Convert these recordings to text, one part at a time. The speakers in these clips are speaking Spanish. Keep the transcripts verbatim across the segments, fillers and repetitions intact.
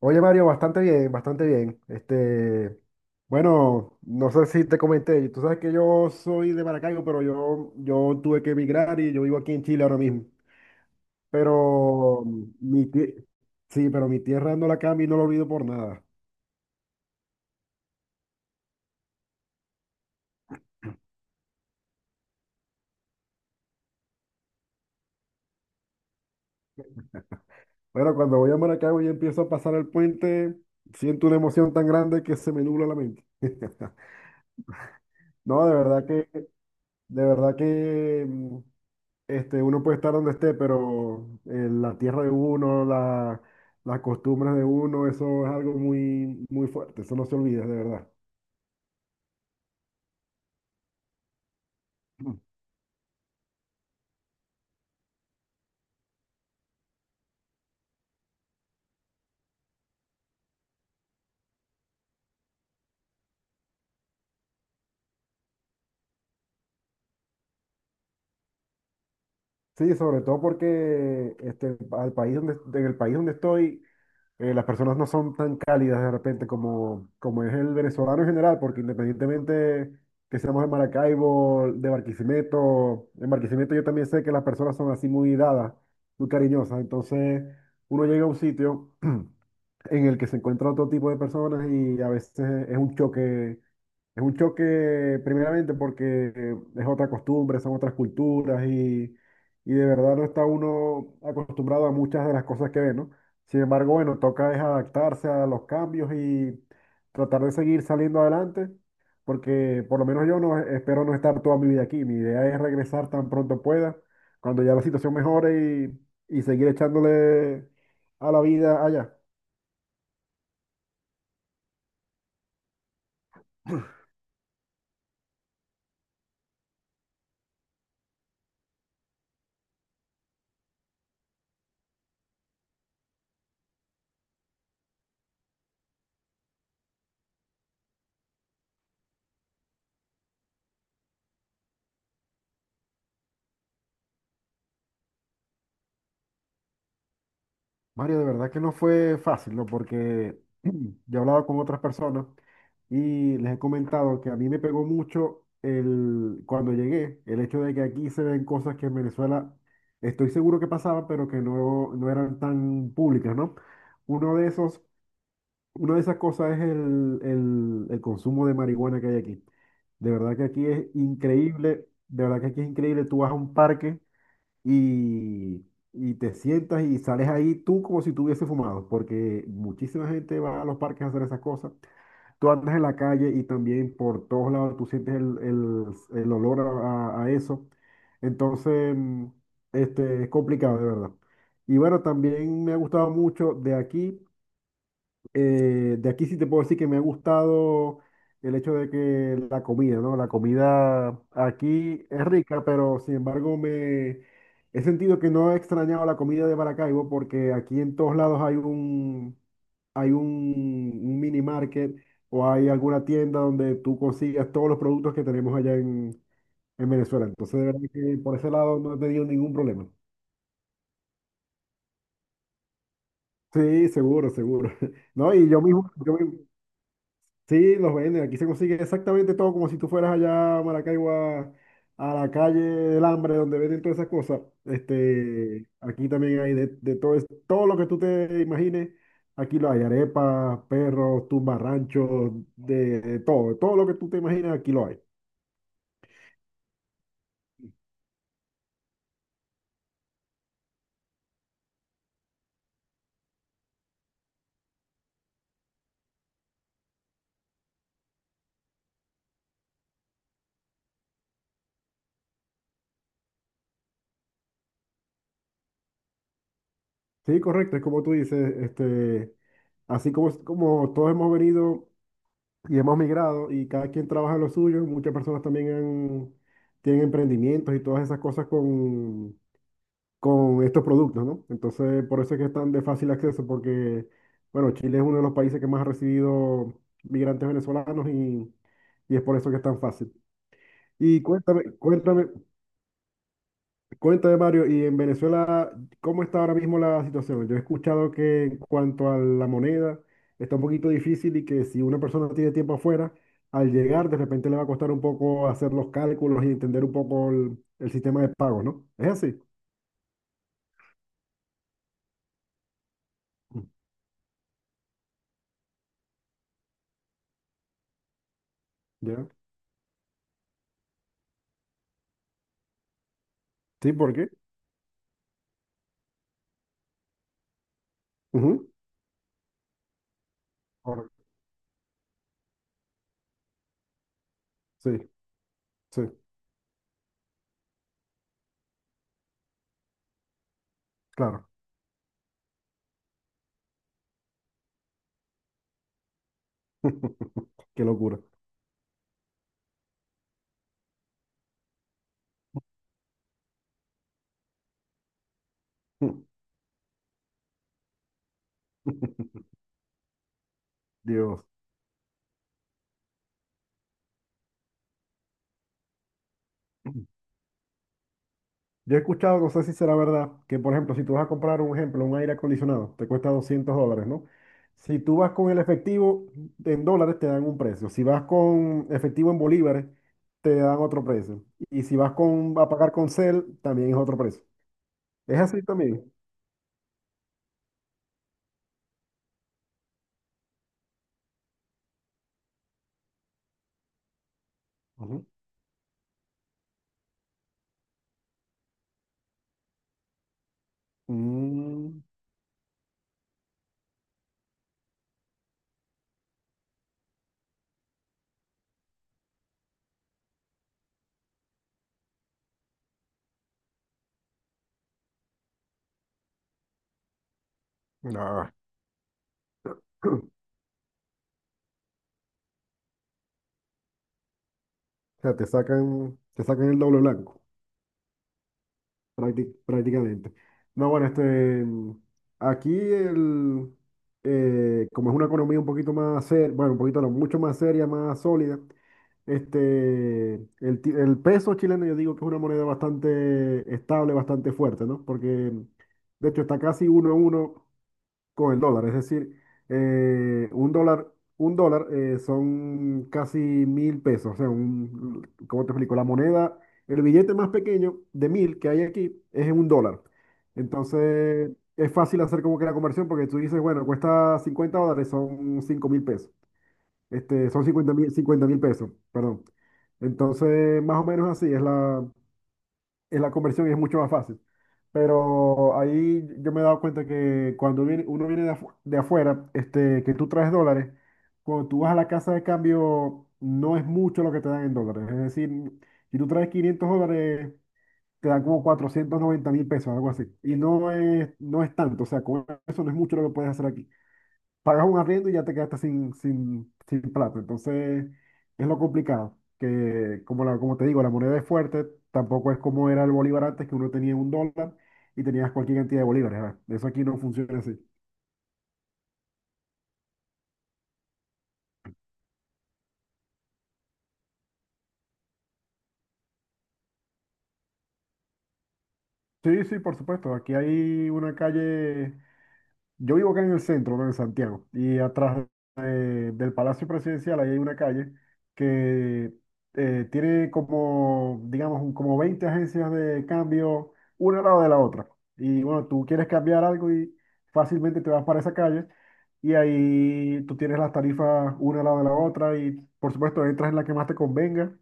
Oye, Mario, bastante bien, bastante bien. Este, bueno, no sé si te comenté, tú sabes que yo soy de Maracaibo, pero yo, yo tuve que emigrar y yo vivo aquí en Chile ahora mismo. Pero mi tie- sí, pero mi tierra no la cambio y no la olvido por nada. Bueno, cuando voy a Maracaibo y empiezo a pasar el puente, siento una emoción tan grande que se me nubla la mente. No, de verdad que, de verdad que Este, Uno puede estar donde esté, pero eh, la tierra de uno, la- las costumbres de uno, eso es algo muy, muy fuerte, eso no se olvida, de verdad. Mm. Sí, sobre todo porque este, al país donde, en el país donde estoy, eh, las personas no son tan cálidas de repente como, como es el venezolano en general, porque independientemente que seamos de Maracaibo, de Barquisimeto, en Barquisimeto yo también sé que las personas son así muy dadas, muy cariñosas, entonces uno llega a un sitio. En el que se encuentra otro tipo de personas y a veces es un choque, es un choque primeramente porque eh, es otra costumbre, son otras culturas y, y de verdad no está uno acostumbrado a muchas de las cosas que ve, ¿no? Sin embargo, bueno, toca es adaptarse a los cambios y tratar de seguir saliendo adelante, porque por lo menos yo no espero no estar toda mi vida aquí. Mi idea es regresar tan pronto pueda, cuando ya la situación mejore y, y seguir echándole a la vida allá. Mario, de verdad que no fue fácil, ¿no? Porque yo he hablado con otras personas y les he comentado que a mí me pegó mucho el, cuando llegué, el hecho de que aquí se ven cosas que en Venezuela estoy seguro que pasaban, pero que no, no eran tan públicas, ¿no? Uno de esos, una de esas cosas es el, el, el consumo de marihuana que hay aquí. De verdad que aquí es increíble, de verdad que aquí es increíble. Tú vas a un parque y, y te sientas y sales ahí tú como si tuviese fumado, porque muchísima gente va a los parques a hacer esas cosas. Tú andas en la calle y también por todos lados tú sientes el, el- el olor a, a- a eso. Entonces, mm, este, es complicado, de verdad. Y bueno, también me ha gustado mucho de aquí. Eh, de aquí sí te puedo decir que me ha gustado el hecho de que la comida, ¿no? La comida aquí es rica, pero sin embargo me he sentido que no he extrañado la comida de Maracaibo porque aquí en todos lados hay un, hay un, un mini market o hay alguna tienda donde tú consigas todos los productos que tenemos allá en, en Venezuela. Entonces, de verdad que por ese lado no he tenido ningún problema. Sí, seguro, seguro. No, y yo mismo, yo mismo. Sí, los venden. Aquí se consigue exactamente todo, como si tú fueras allá a Maracaibo a, a la calle del Hambre, donde venden todas esas cosas. Este, aquí también hay de, de todo, es- todo lo que tú te imagines. Aquí lo hay, arepas, perros, tumbarranchos, de, de todo, de todo lo que tú te imaginas, aquí lo hay. Sí, correcto, es como tú dices, este, así como, como todos hemos venido y hemos migrado y cada quien trabaja en lo suyo, muchas personas también han- tienen emprendimientos y todas esas cosas con con estos productos, ¿no? Entonces, por eso es que están de fácil acceso, porque, bueno, Chile es uno de los países que más ha recibido migrantes venezolanos y, y es por eso que es tan fácil. Y cuéntame, cuéntame, cuéntame, Mario, y en Venezuela, ¿cómo está ahora mismo la situación? Yo he escuchado que en cuanto a la moneda, está un poquito difícil y que si una persona tiene tiempo afuera, al llegar, de repente le va a costar un poco hacer los cálculos y entender un poco el, el sistema de pago, ¿no? ¿Es así? ¿Ya? ¿Sí? ¿Por qué? ¿Ahora? Sí, sí, claro. Qué locura. Dios. Yo he escuchado, no sé si será verdad, que por ejemplo, si tú vas a comprar un ejemplo, un aire acondicionado, te cuesta doscientos dólares, ¿no? Si tú vas con el efectivo en dólares, te dan un precio. Si vas con efectivo en bolívares, te dan otro precio. Y si vas con, a pagar con C E L, también es otro precio. Es así también. Ujú. Mm, ah. O sea, te sacan, te sacan el doble blanco. Prácti- prácticamente. No, bueno, este, aquí el, eh, como es una economía un poquito más seria, bueno, un poquito no, mucho más seria, más sólida, este, el, ti- el peso chileno yo digo que es una moneda bastante estable, bastante fuerte, ¿no? Porque de hecho está casi uno a uno con el dólar. Es decir, eh, un dólar, un dólar eh, son casi mil pesos. O sea, un, ¿cómo te explico? La moneda, el billete más pequeño de mil que hay aquí es un dólar. Entonces, es fácil hacer como que la conversión porque tú dices, bueno, cuesta cincuenta dólares, son cinco mil pesos. Este, son cincuenta mil, cincuenta mil pesos, perdón. Entonces, más o menos así es la, en la conversión es mucho más fácil. Pero ahí yo me he dado cuenta que cuando viene, uno viene de, afu- de afuera, este, que tú traes dólares, cuando tú vas a la casa de cambio, no es mucho lo que te dan en dólares. Es decir, si tú traes quinientos dólares, te dan como cuatrocientos noventa mil pesos, algo así. Y no es, no es tanto, o sea, con eso no es mucho lo que puedes hacer aquí pagas un arriendo y ya te quedaste sin, sin, sin plata. Entonces, es lo complicado, que como, la, como te digo, la moneda es fuerte, tampoco es como era el bolívar antes, que uno tenía un dólar y tenías cualquier cantidad de bolívares. ¿Verdad? Eso aquí no funciona así. Sí, sí, por supuesto. Aquí hay una calle. Yo vivo acá en el centro, ¿no? En Santiago, y atrás eh, del Palacio Presidencial ahí hay una calle que eh, tiene como, digamos, un- como veinte agencias de cambio, una al lado de la otra. Y bueno, tú quieres cambiar algo y fácilmente te vas para esa calle y ahí tú tienes las tarifas una al lado de la otra y por supuesto entras en la que más te convenga.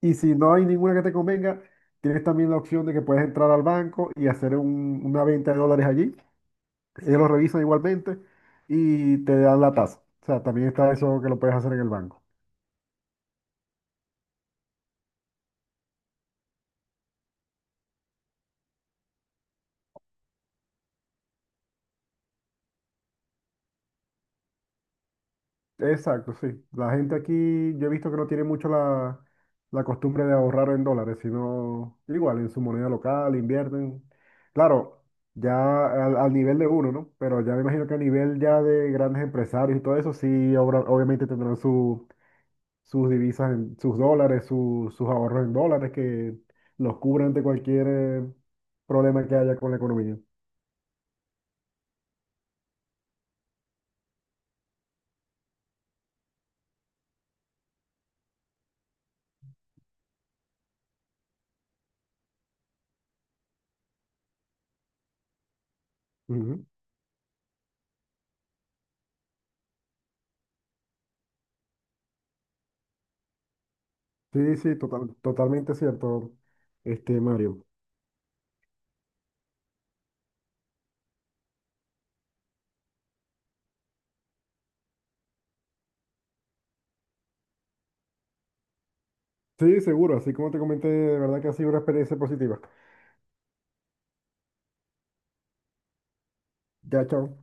Y si no hay ninguna que te convenga, tienes también la opción de que puedes entrar al banco y hacer un- una venta de dólares allí ellos lo revisan igualmente y te dan la tasa. O sea, también está eso que lo puedes hacer en el banco. Exacto, sí. La gente aquí, yo he visto que no tiene mucho la, la costumbre de ahorrar en dólares, sino igual en su moneda local, invierten. Claro, ya al, al nivel de uno, ¿no? Pero ya me imagino que a nivel ya de grandes empresarios y todo eso, sí, obra- obviamente tendrán su- sus divisas, en, sus dólares, su- sus ahorros en dólares que los cubren de cualquier eh, problema que haya con la economía. Ujú. Sí, sí, total- totalmente cierto, este Mario. Sí, seguro, así como te comenté, de verdad que ha sido una experiencia positiva. Ya, chao.